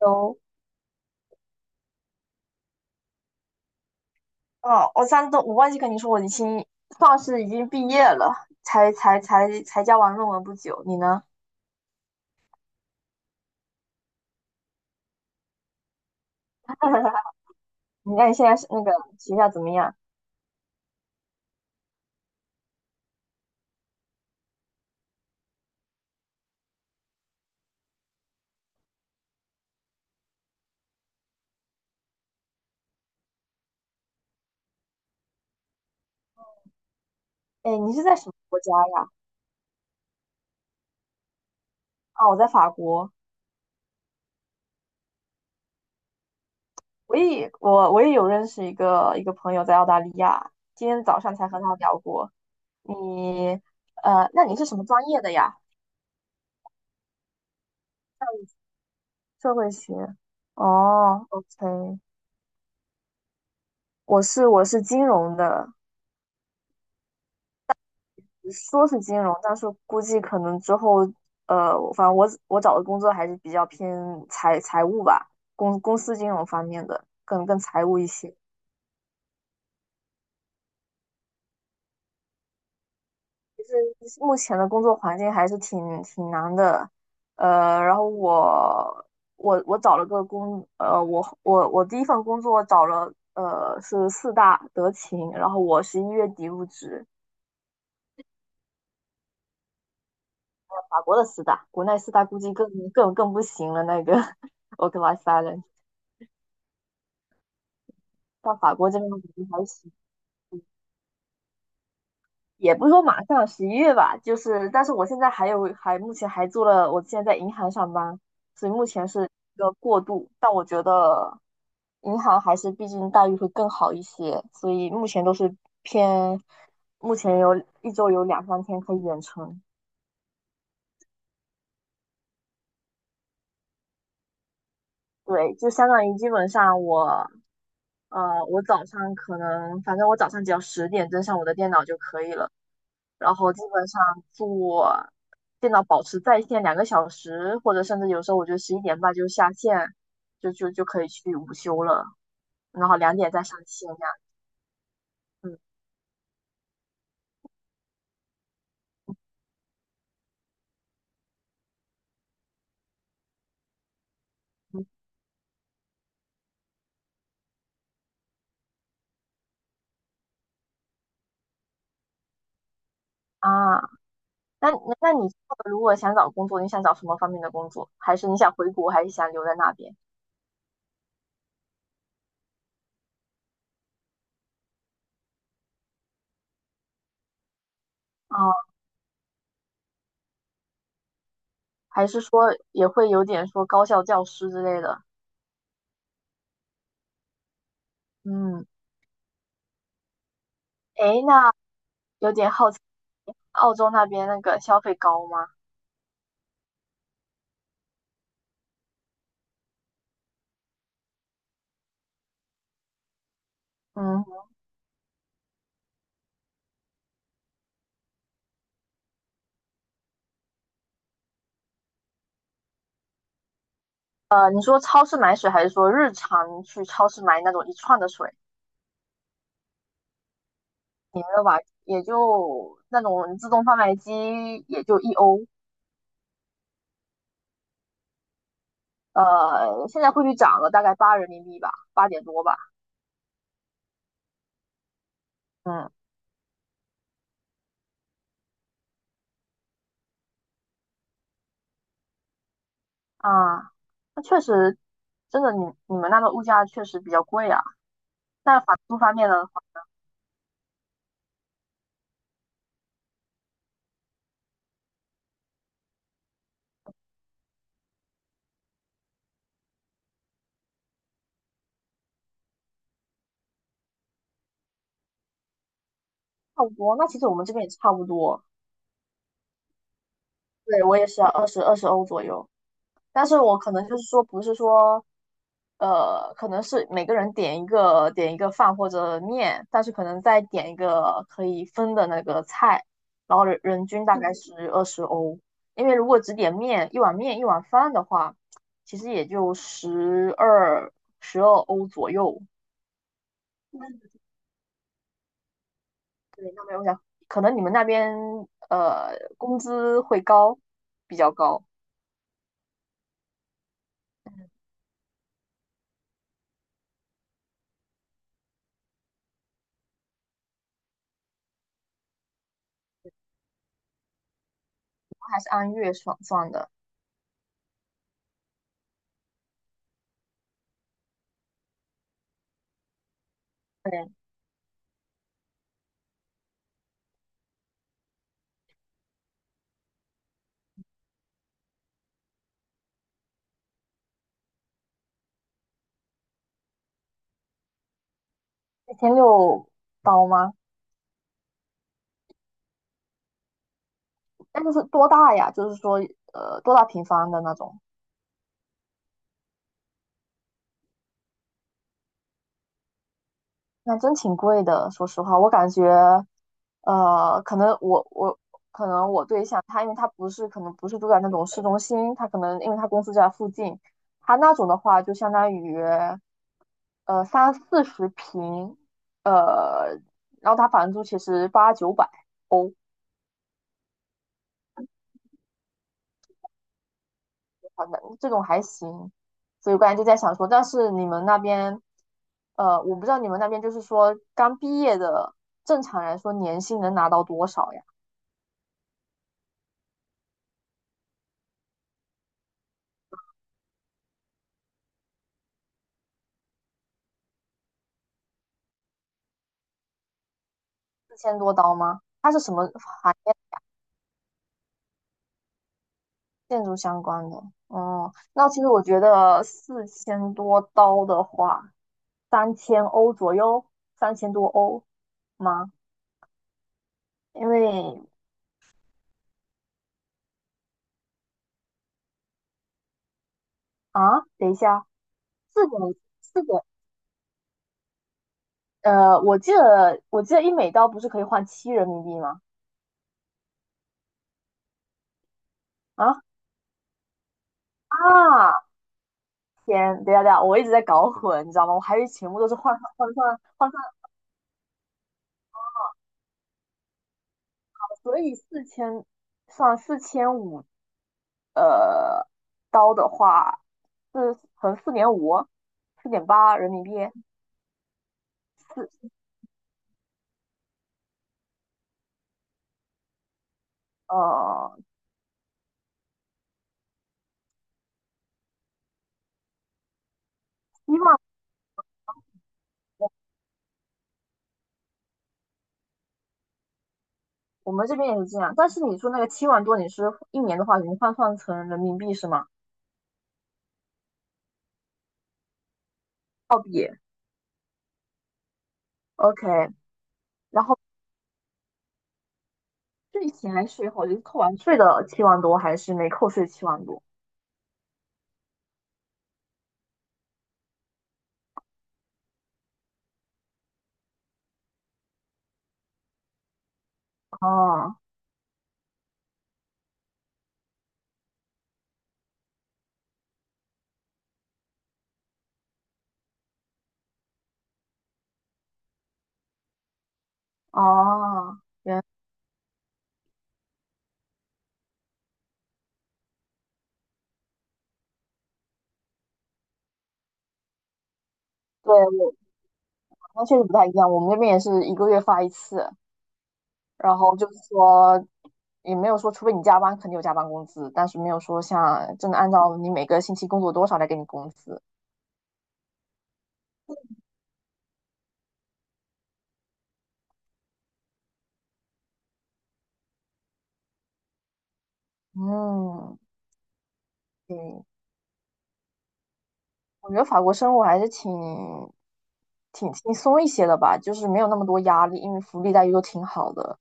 有，哦，我上次我忘记跟你说，我算是已经毕业了，才交完论文不久。你呢？那你现在是那个学校怎么样？哎，你是在什么国家呀？啊，我在法国。我也有认识一个朋友在澳大利亚，今天早上才和他聊过。你那你是什么专业的呀？社会学。哦，OK，我是金融的，说是金融，但是估计可能之后，反正我找的工作还是比较偏财务吧，公司金融方面的，更财务一些。就是目前的工作环境还是挺难的，然后我我我找了个工，呃，我第一份工作找了，是四大德勤，然后我11月底入职。法国的四大，国内四大估计更不行了，那个 我 o r k l 到法国这边可能还行，也不是说马上十一月吧，就是但是我现在还目前还做了，我现在在银行上班，所以目前是一个过渡，但我觉得银行还是毕竟待遇会更好一些，所以目前都是偏，目前有一周有两三天可以远程。对，就相当于基本上我。我早上可能，反正我早上只要10点登上我的电脑就可以了，然后基本上做电脑保持在线2个小时，或者甚至有时候我觉得11点半就下线，就可以去午休了，然后2点再上线这样。嗯嗯。啊，那那你如果想找工作，你想找什么方面的工作？还是你想回国，还是想留在那边？哦，还是说也会有点说高校教师之类的？嗯，诶，那有点好奇，澳洲那边那个消费高吗？嗯。你说超市买水，还是说日常去超市买那种一串的水？你们的吧，也就那种自动贩卖机，也就1欧。现在汇率涨了大概八人民币吧，8点多吧。嗯。啊，那确实，真的你们那边物价确实比较贵啊。那房租方面呢，差不多。那其实我们这边也差不多。对，我也是二十欧左右。但是我可能就是说，不是说，可能是每个人点一个饭或者面，但是可能再点一个可以分的那个菜，然后人均大概是二十欧。因为如果只点面，一碗面一碗饭的话，其实也就十二欧左右。嗯。对，那没有想，可能你们那边呃工资会高，比较高，还是按月算的。对，1600刀吗？那就是多大呀？就是说，多大平方的那种？那真挺贵的。说实话，我感觉，可能我可能我对象他，因为他不是可能不是住在那种市中心，他可能因为他公司就在附近，他那种的话就相当于30-40平，呃，然后他房租其实800-900，好像这种还行，所以我刚才就在想说，但是你们那边，我不知道你们那边就是说刚毕业的，正常来说年薪能拿到多少呀？四千多刀吗？它是什么行业？建筑相关的。哦、那其实我觉得四千多刀的话，3000欧左右，3000多欧吗？因为啊，等一下，四点四点，我记得一美刀不是可以换7人民币吗？啊，啊，天，等一下等一下，我一直在搞混，你知道吗？我还以为全部都是换算，所以四千算4500，呃，刀的话是乘4.5，4.8人民币。四呃七万，我们这边也是这样。但是你说那个七万多，你是一年的话，你换算成人民币是吗？澳币，OK。然后税前税后就是扣完税的七万多，还是没扣税七万多？哦哦。对，那确实不太一样，我们那边也是一个月发一次，然后就是说也没有说，除非你加班，肯定有加班工资，但是没有说像真的按照你每个星期工作多少来给你工资。嗯，对，我觉得法国生活还是挺轻松一些的吧，就是没有那么多压力，因为福利待遇都挺好的。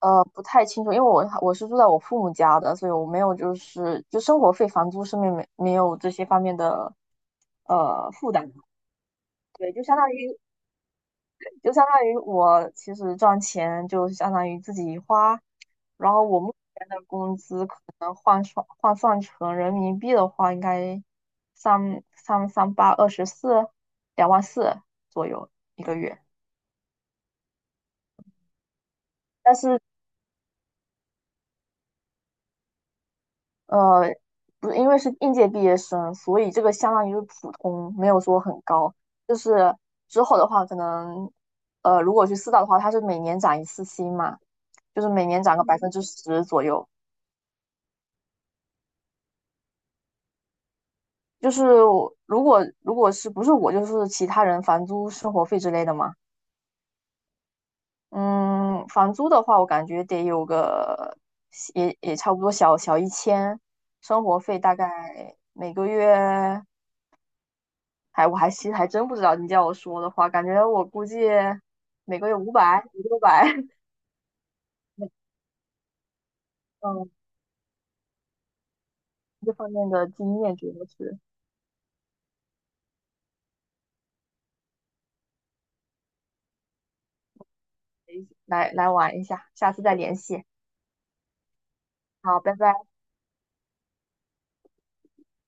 不太清楚，因为我是住在我父母家的，所以我没有就是生活费、房租上面没有这些方面的负担。对，就相当于我其实赚钱就相当于自己花，然后我目前的工资可能换算成人民币的话，应该三三三八二十四，2.4万左右一个月。但是呃，不是因为是应届毕业生，所以这个相当于是普通，没有说很高。就是之后的话，可能如果去四大的话，它是每年涨一次薪嘛，就是每年涨个10%左右。就是我如果是不是我就是其他人房租、生活费之类的嘛。嗯，房租的话，我感觉得有个也差不多小一千，生活费大概每个月，还我还其实还真不知道。你叫我说的话，感觉我估计每个月500、500-600。嗯，这方面的经验主要是来玩一下，下次再联系。好，拜拜。